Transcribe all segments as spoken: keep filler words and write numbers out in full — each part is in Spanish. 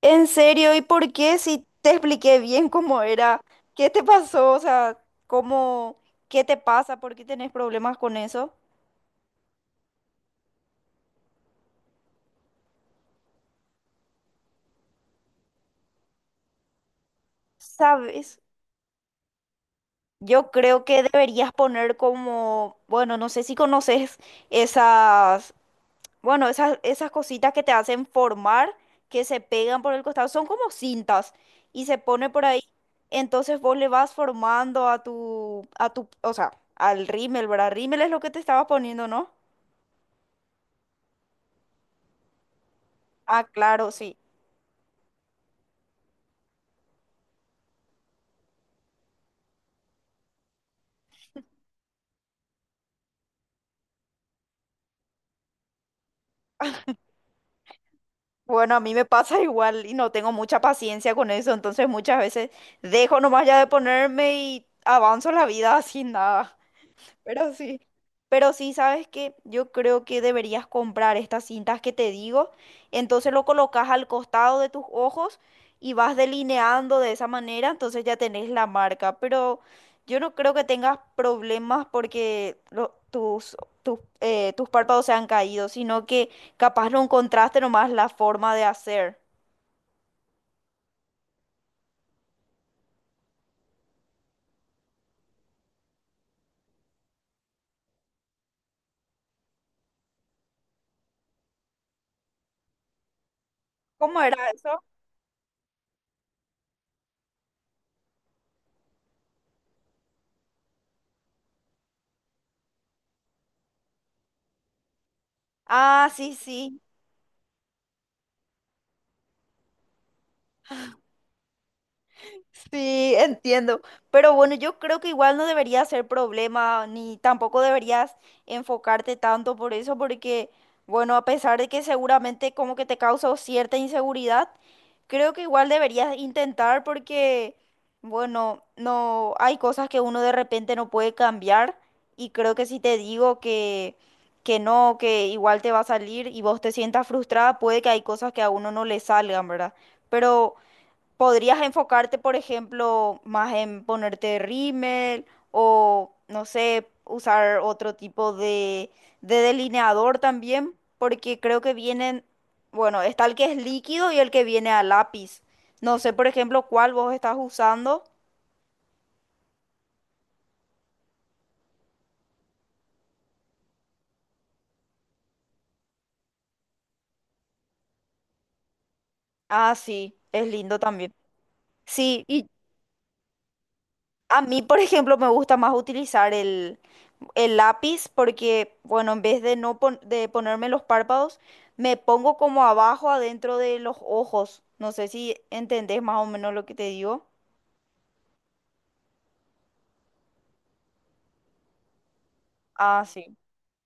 ¿En serio? ¿Y por qué? Si te expliqué bien cómo era, ¿qué te pasó? O sea, ¿cómo, qué te pasa? ¿Por qué tenés problemas con eso? ¿Sabes? Yo creo que deberías poner como, bueno, no sé si conoces esas, bueno, esas, esas cositas que te hacen formar, que se pegan por el costado, son como cintas y se pone por ahí. Entonces vos le vas formando a tu, a tu, o sea, al rímel, ¿verdad? Rímel es lo que te estabas poniendo, ¿no? Ah, claro, sí. Bueno, a mí me pasa igual y no tengo mucha paciencia con eso, entonces muchas veces dejo nomás ya de ponerme y avanzo la vida sin nada. Pero sí. Pero sí, ¿sabes qué? Yo creo que deberías comprar estas cintas que te digo. Entonces lo colocas al costado de tus ojos y vas delineando de esa manera, entonces ya tenés la marca. Pero yo no creo que tengas problemas porque lo- tus, tus, eh, tus párpados se han caído, sino que capaz no encontraste nomás la forma de hacer. ¿Cómo era eso? Ah, sí, sí. Sí, entiendo. Pero bueno, yo creo que igual no debería ser problema, ni tampoco deberías enfocarte tanto por eso, porque, bueno, a pesar de que seguramente como que te causa cierta inseguridad, creo que igual deberías intentar porque, bueno, no hay cosas que uno de repente no puede cambiar y creo que si te digo que, que no, que igual te va a salir y vos te sientas frustrada, puede que hay cosas que a uno no le salgan, ¿verdad? Pero... Podrías enfocarte, por ejemplo, más en ponerte rímel o, no sé, usar otro tipo de, de delineador también, porque creo que vienen, bueno, está el que es líquido y el que viene a lápiz. No sé, por ejemplo, cuál vos estás usando. Ah, sí, es lindo también. Sí, y a mí, por ejemplo, me gusta más utilizar el, el lápiz porque, bueno, en vez de no pon- de ponerme los párpados, me pongo como abajo adentro de los ojos. No sé si entendés más o menos lo que te digo. Ah, sí.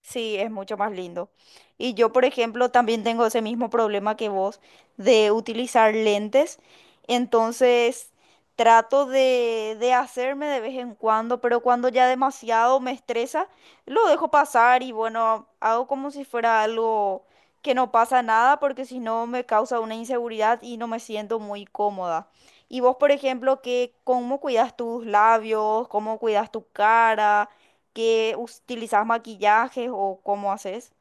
Sí, es mucho más lindo. Y yo, por ejemplo, también tengo ese mismo problema que vos de utilizar lentes. Entonces, trato de, de hacerme de vez en cuando, pero cuando ya demasiado me estresa, lo dejo pasar y bueno, hago como si fuera algo que no pasa nada, porque si no me causa una inseguridad y no me siento muy cómoda. Y vos, por ejemplo, ¿qué, cómo cuidas tus labios? ¿Cómo cuidas tu cara? Que utilizas maquillajes o cómo haces.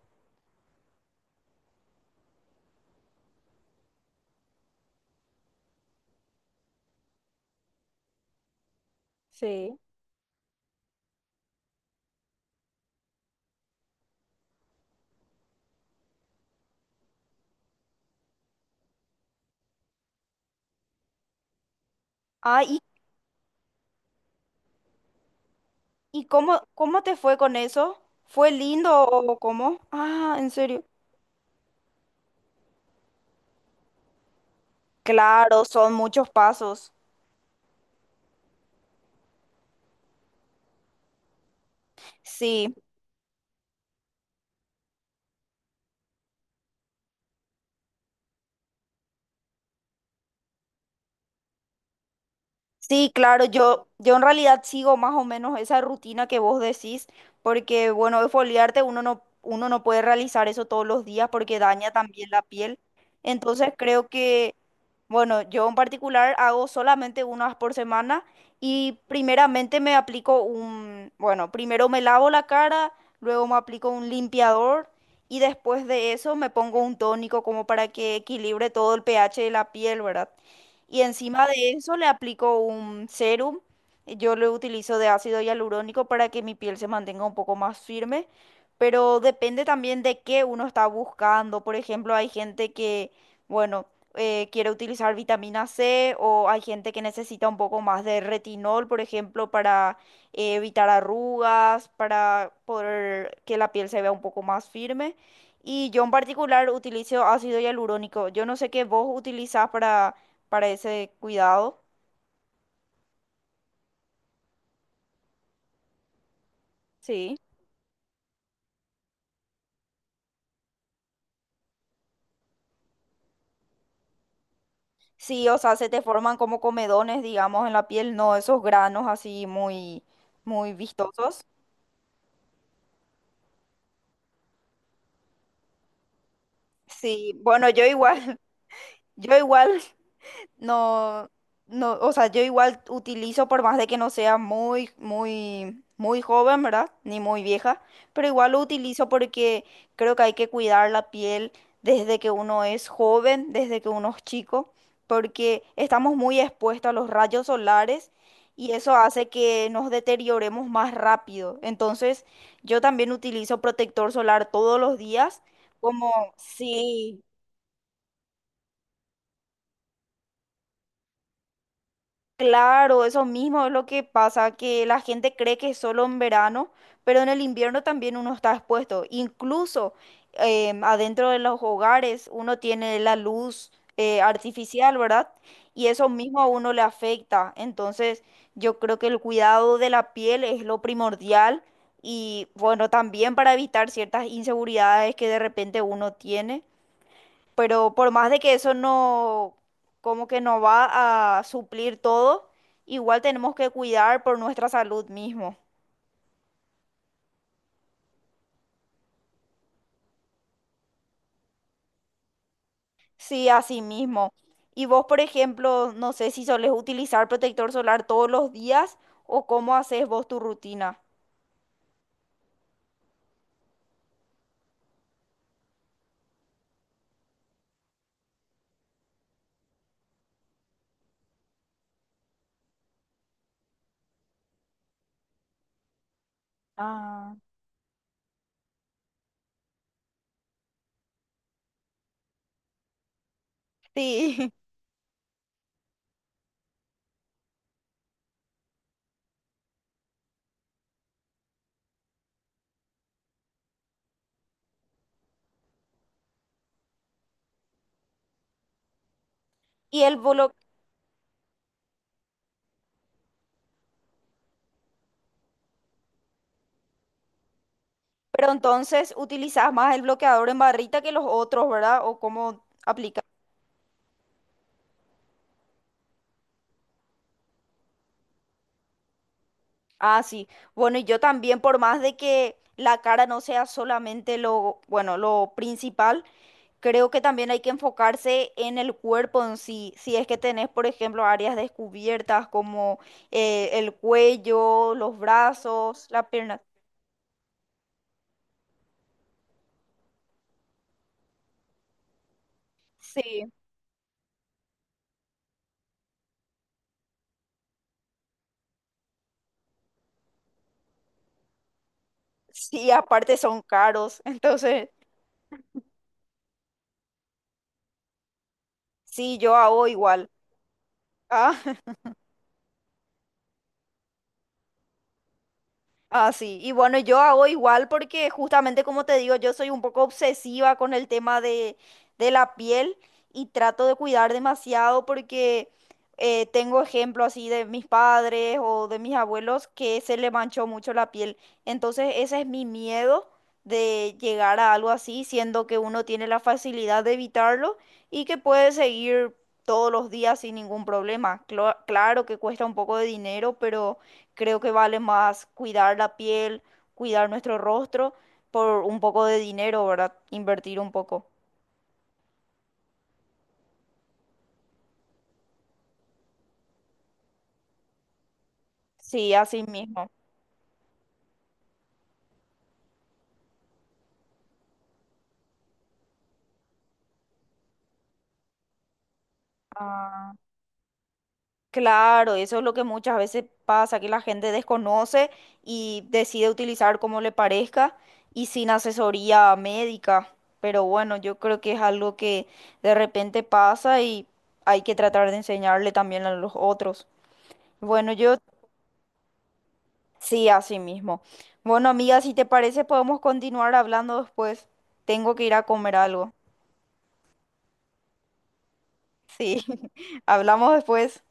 Sí. Ah, ¿y, y cómo, cómo te fue con eso? ¿Fue lindo o cómo? Ah, en serio. Claro, son muchos pasos. Sí. Sí, claro, yo, yo en realidad sigo más o menos esa rutina que vos decís, porque bueno, exfoliarte uno no, uno no puede realizar eso todos los días porque daña también la piel. Entonces creo que, bueno, yo en particular hago solamente una vez por semana y primeramente me aplico un, bueno, primero me lavo la cara, luego me aplico un limpiador y después de eso me pongo un tónico como para que equilibre todo el pH de la piel, ¿verdad? Y encima de eso le aplico un serum. Yo lo utilizo de ácido hialurónico para que mi piel se mantenga un poco más firme. Pero depende también de qué uno está buscando. Por ejemplo, hay gente que, bueno, eh, quiere utilizar vitamina C o hay gente que necesita un poco más de retinol, por ejemplo, para eh, evitar arrugas, para poder que la piel se vea un poco más firme. Y yo en particular utilizo ácido hialurónico. Yo no sé qué vos utilizás para para ese cuidado. Sí. Sí, o sea, se te forman como comedones, digamos, en la piel, no esos granos así muy, muy vistosos. Sí, bueno, yo igual, yo igual No, no, o sea, yo igual utilizo por más de que no sea muy, muy, muy joven, ¿verdad? Ni muy vieja, pero igual lo utilizo porque creo que hay que cuidar la piel desde que uno es joven, desde que uno es chico, porque estamos muy expuestos a los rayos solares y eso hace que nos deterioremos más rápido. Entonces, yo también utilizo protector solar todos los días, como, sí. Claro, eso mismo es lo que pasa, que la gente cree que es solo en verano, pero en el invierno también uno está expuesto. Incluso em, adentro de los hogares uno tiene la luz eh, artificial, ¿verdad? Y eso mismo a uno le afecta. Entonces yo creo que el cuidado de la piel es lo primordial y bueno, también para evitar ciertas inseguridades que de repente uno tiene. Pero por más de que eso no, como que no va a suplir todo, igual tenemos que cuidar por nuestra salud mismo. Sí, así mismo. Y vos, por ejemplo, no sé si solés utilizar protector solar todos los días o cómo haces vos tu rutina. Ah, sí. Y el blo- pero entonces utilizás más el bloqueador en barrita que los otros, ¿verdad? ¿O cómo aplicas? Ah, sí. Bueno, y yo también, por más de que la cara no sea solamente lo, bueno, lo principal, creo que también hay que enfocarse en el cuerpo en sí. Si es que tenés, por ejemplo, áreas descubiertas como eh, el cuello, los brazos, la pierna. Sí. Sí, aparte son caros. Entonces, sí, yo hago igual. Ah, Ah, sí, y bueno, yo hago igual porque justamente como te digo, yo soy un poco obsesiva con el tema de, de la piel y trato de cuidar demasiado porque eh, tengo ejemplos así de mis padres o de mis abuelos que se le manchó mucho la piel. Entonces ese es mi miedo de llegar a algo así, siendo que uno tiene la facilidad de evitarlo y que puede seguir todos los días sin ningún problema. Clo- claro que cuesta un poco de dinero, pero creo que vale más cuidar la piel, cuidar nuestro rostro por un poco de dinero, ¿verdad? Invertir un poco. Sí, así mismo. Ah, claro, eso es lo que muchas veces pasa, que la gente desconoce y decide utilizar como le parezca y sin asesoría médica. Pero bueno, yo creo que es algo que de repente pasa y hay que tratar de enseñarle también a los otros. Bueno, yo Sí, así mismo. Bueno, amiga, si te parece, podemos continuar hablando después. Tengo que ir a comer algo. Sí, hablamos después.